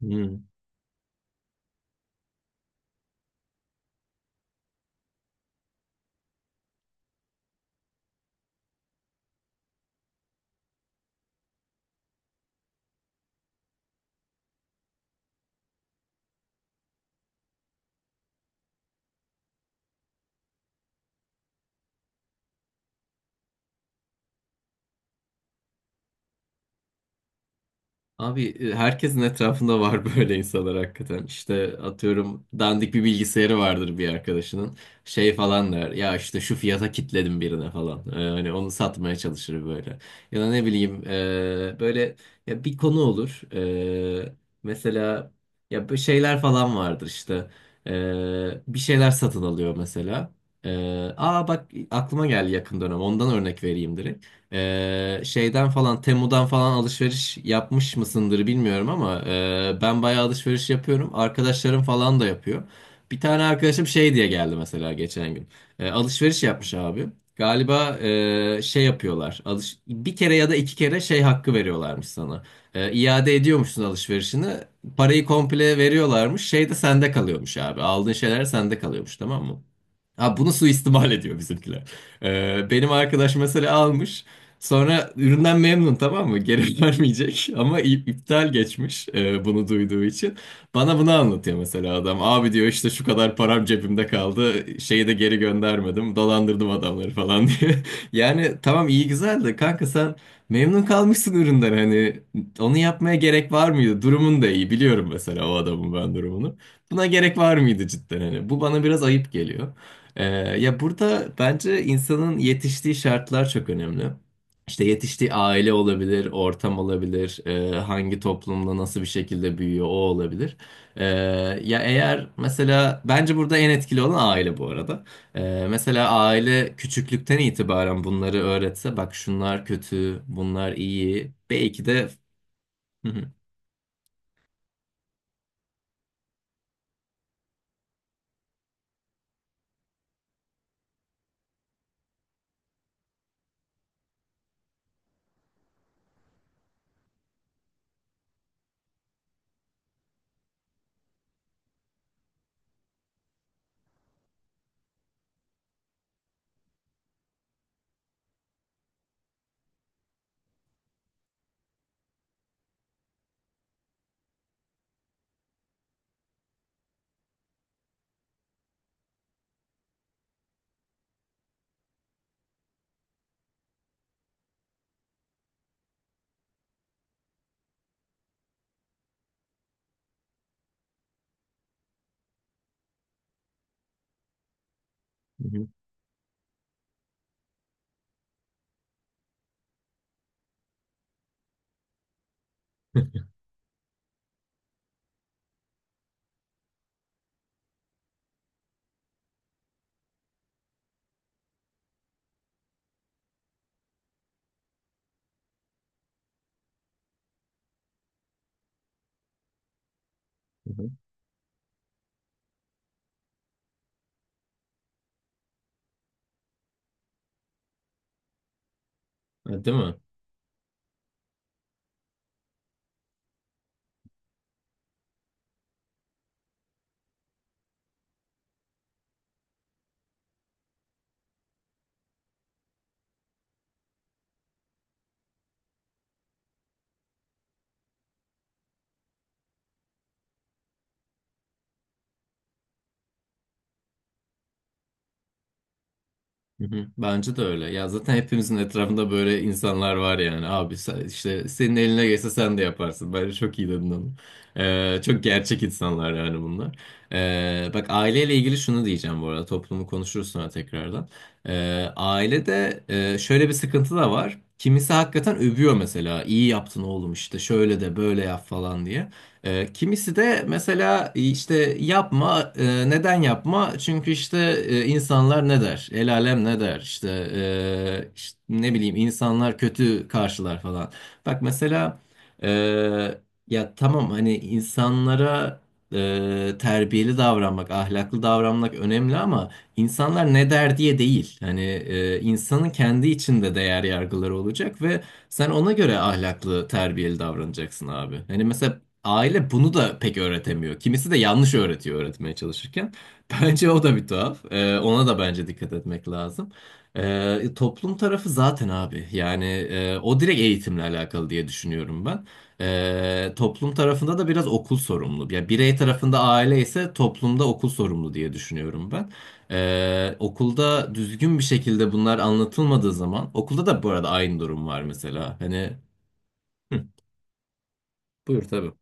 Hmm. Abi herkesin etrafında var böyle insanlar hakikaten. İşte atıyorum dandik bir bilgisayarı vardır bir arkadaşının. Şey falan der. Ya işte şu fiyata kitledim birine falan. Hani onu satmaya çalışır böyle. Ya da ne bileyim böyle ya bir konu olur. E, Mesela ya bu şeyler falan vardır işte. Bir şeyler satın alıyor mesela. E, Aa, bak aklıma geldi yakın dönem. Ondan örnek vereyim direkt. Şeyden falan Temu'dan falan alışveriş yapmış mısındır bilmiyorum ama ben bayağı alışveriş yapıyorum. Arkadaşlarım falan da yapıyor. Bir tane arkadaşım şey diye geldi mesela geçen gün. Alışveriş yapmış abi. Galiba şey yapıyorlar. Alış bir kere ya da iki kere şey hakkı veriyorlarmış sana. İade ediyormuşsun alışverişini. Parayı komple veriyorlarmış. Şey de sende kalıyormuş abi. Aldığın şeyler sende kalıyormuş, tamam mı? Ha, bunu suistimal ediyor bizimkiler. Benim arkadaş mesela almış. Sonra üründen memnun, tamam mı? Geri vermeyecek ama iptal geçmiş bunu duyduğu için. Bana bunu anlatıyor mesela adam. Abi diyor işte şu kadar param cebimde kaldı. Şeyi de geri göndermedim. Dolandırdım adamları falan diye. Yani tamam iyi güzel de kanka sen memnun kalmışsın üründen, hani onu yapmaya gerek var mıydı? Durumun da iyi biliyorum mesela o adamın ben durumunu. Buna gerek var mıydı cidden hani? Bu bana biraz ayıp geliyor. E, Ya burada bence insanın yetiştiği şartlar çok önemli. İşte yetiştiği aile olabilir, ortam olabilir, hangi toplumda nasıl bir şekilde büyüyor o olabilir. E, Ya eğer mesela bence burada en etkili olan aile bu arada. Mesela aile küçüklükten itibaren bunları öğretse bak şunlar kötü, bunlar iyi. Belki de Hı hı. Hı hı. Hı hı, değil mi? Hı hı. Bence de öyle. Ya zaten hepimizin etrafında böyle insanlar var yani. Abi işte senin eline geçse sen de yaparsın. Bence çok iyi dedin onu. Çok gerçek insanlar yani bunlar. Bak aileyle ilgili şunu diyeceğim bu arada. Toplumu konuşuruz sonra tekrardan. Ailede şöyle bir sıkıntı da var. Kimisi hakikaten övüyor mesela. İyi yaptın oğlum işte şöyle de böyle yap falan diye. Kimisi de mesela işte yapma, neden yapma? Çünkü işte insanlar ne der? El alem ne der? İşte, işte ne bileyim insanlar kötü karşılar falan. Bak mesela e, ya tamam hani insanlara terbiyeli davranmak, ahlaklı davranmak önemli ama insanlar ne der diye değil. Hani insanın kendi içinde değer yargıları olacak ve sen ona göre ahlaklı, terbiyeli davranacaksın abi. Hani mesela aile bunu da pek öğretemiyor. Kimisi de yanlış öğretiyor öğretmeye çalışırken. Bence o da bir tuhaf. Ona da bence dikkat etmek lazım. Toplum tarafı zaten abi. Yani o direkt eğitimle alakalı diye düşünüyorum ben. Toplum tarafında da biraz okul sorumlu. Yani birey tarafında aile ise toplumda okul sorumlu diye düşünüyorum ben. Okulda düzgün bir şekilde bunlar anlatılmadığı zaman okulda da bu arada aynı durum var mesela. Hani hı, buyur tabii.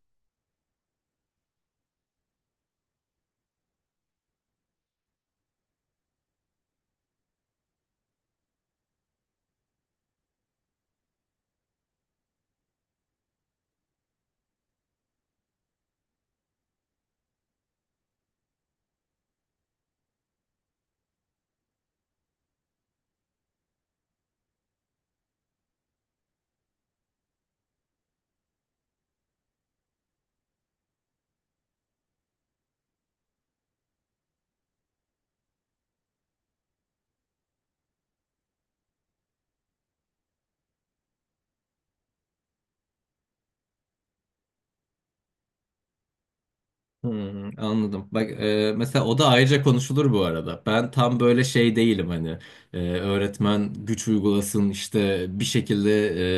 Hmm, anladım. Bak mesela o da ayrıca konuşulur bu arada. Ben tam böyle şey değilim hani öğretmen güç uygulasın işte bir şekilde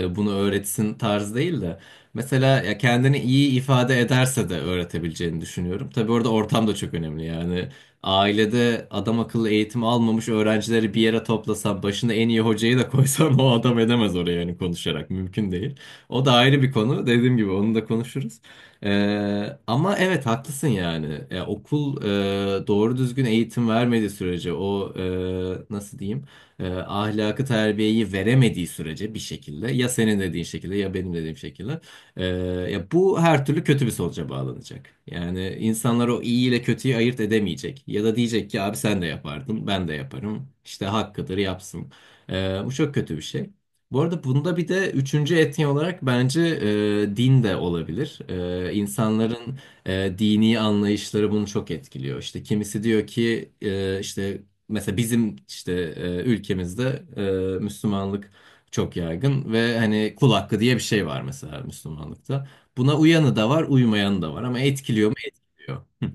bunu öğretsin tarz değil de. Mesela ya kendini iyi ifade ederse de öğretebileceğini düşünüyorum. Tabii orada ortam da çok önemli yani. Ailede adam akıllı eğitim almamış öğrencileri bir yere toplasan başına en iyi hocayı da koysan o adam edemez oraya yani konuşarak mümkün değil. O da ayrı bir konu. Dediğim gibi onu da konuşuruz. Ama evet haklısın yani. Ya, okul doğru düzgün eğitim vermediği sürece o nasıl diyeyim ahlakı terbiyeyi veremediği sürece bir şekilde ya senin dediğin şekilde ya benim dediğim şekilde e, ya bu her türlü kötü bir sonuca bağlanacak. Yani insanlar o iyi ile kötüyü ayırt edemeyecek ya da diyecek ki abi sen de yapardın ben de yaparım işte hakkıdır yapsın. E, Bu çok kötü bir şey. Bu arada bunda bir de üçüncü etni olarak bence din de olabilir. İnsanların dini anlayışları bunu çok etkiliyor. İşte kimisi diyor ki işte mesela bizim işte ülkemizde Müslümanlık çok yaygın ve hani kul hakkı diye bir şey var mesela Müslümanlıkta. Buna uyanı da var, uymayanı da var ama etkiliyor mu? Etkiliyor. Hı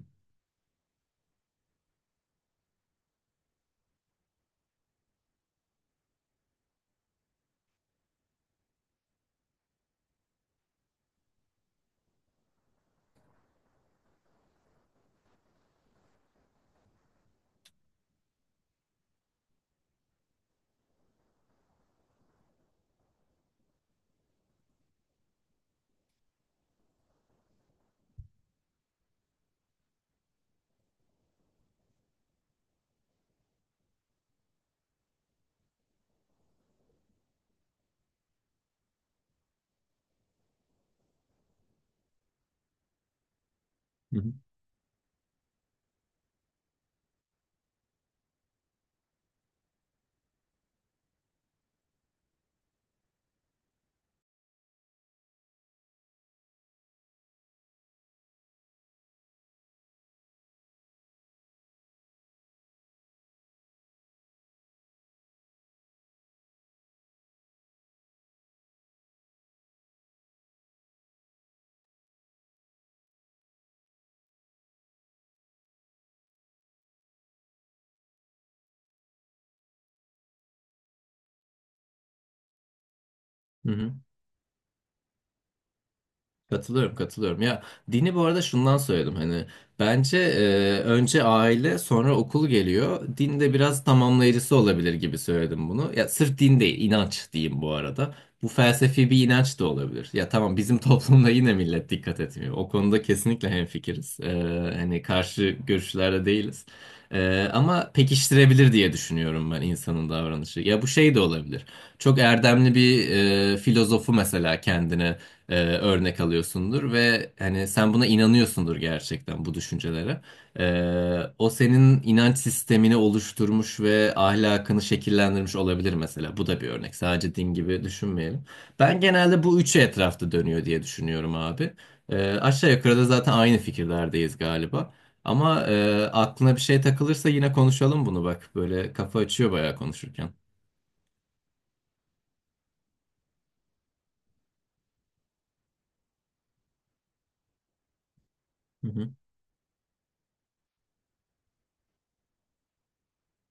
hı. Hı hı. Katılıyorum, katılıyorum. Ya dini bu arada şundan söyledim hani bence önce aile sonra okul geliyor. Din de biraz tamamlayıcısı olabilir gibi söyledim bunu. Ya sırf din değil, inanç diyeyim bu arada. Bu felsefi bir inanç da olabilir. Ya tamam bizim toplumda yine millet dikkat etmiyor. O konuda kesinlikle hemfikiriz. Hani karşı görüşlerde değiliz. Ama pekiştirebilir diye düşünüyorum ben insanın davranışı. Ya bu şey de olabilir. Çok erdemli bir filozofu mesela kendine örnek alıyorsundur ve hani sen buna inanıyorsundur gerçekten bu düşüncelere. O senin inanç sistemini oluşturmuş ve ahlakını şekillendirmiş olabilir mesela. Bu da bir örnek. Sadece din gibi düşünmeyelim. Ben genelde bu üçü etrafta dönüyor diye düşünüyorum abi. Aşağı yukarı da zaten aynı fikirlerdeyiz galiba. Ama aklına bir şey takılırsa yine konuşalım bunu bak. Böyle kafa açıyor bayağı konuşurken. Hı hı.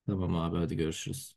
Tamam abi, hadi görüşürüz.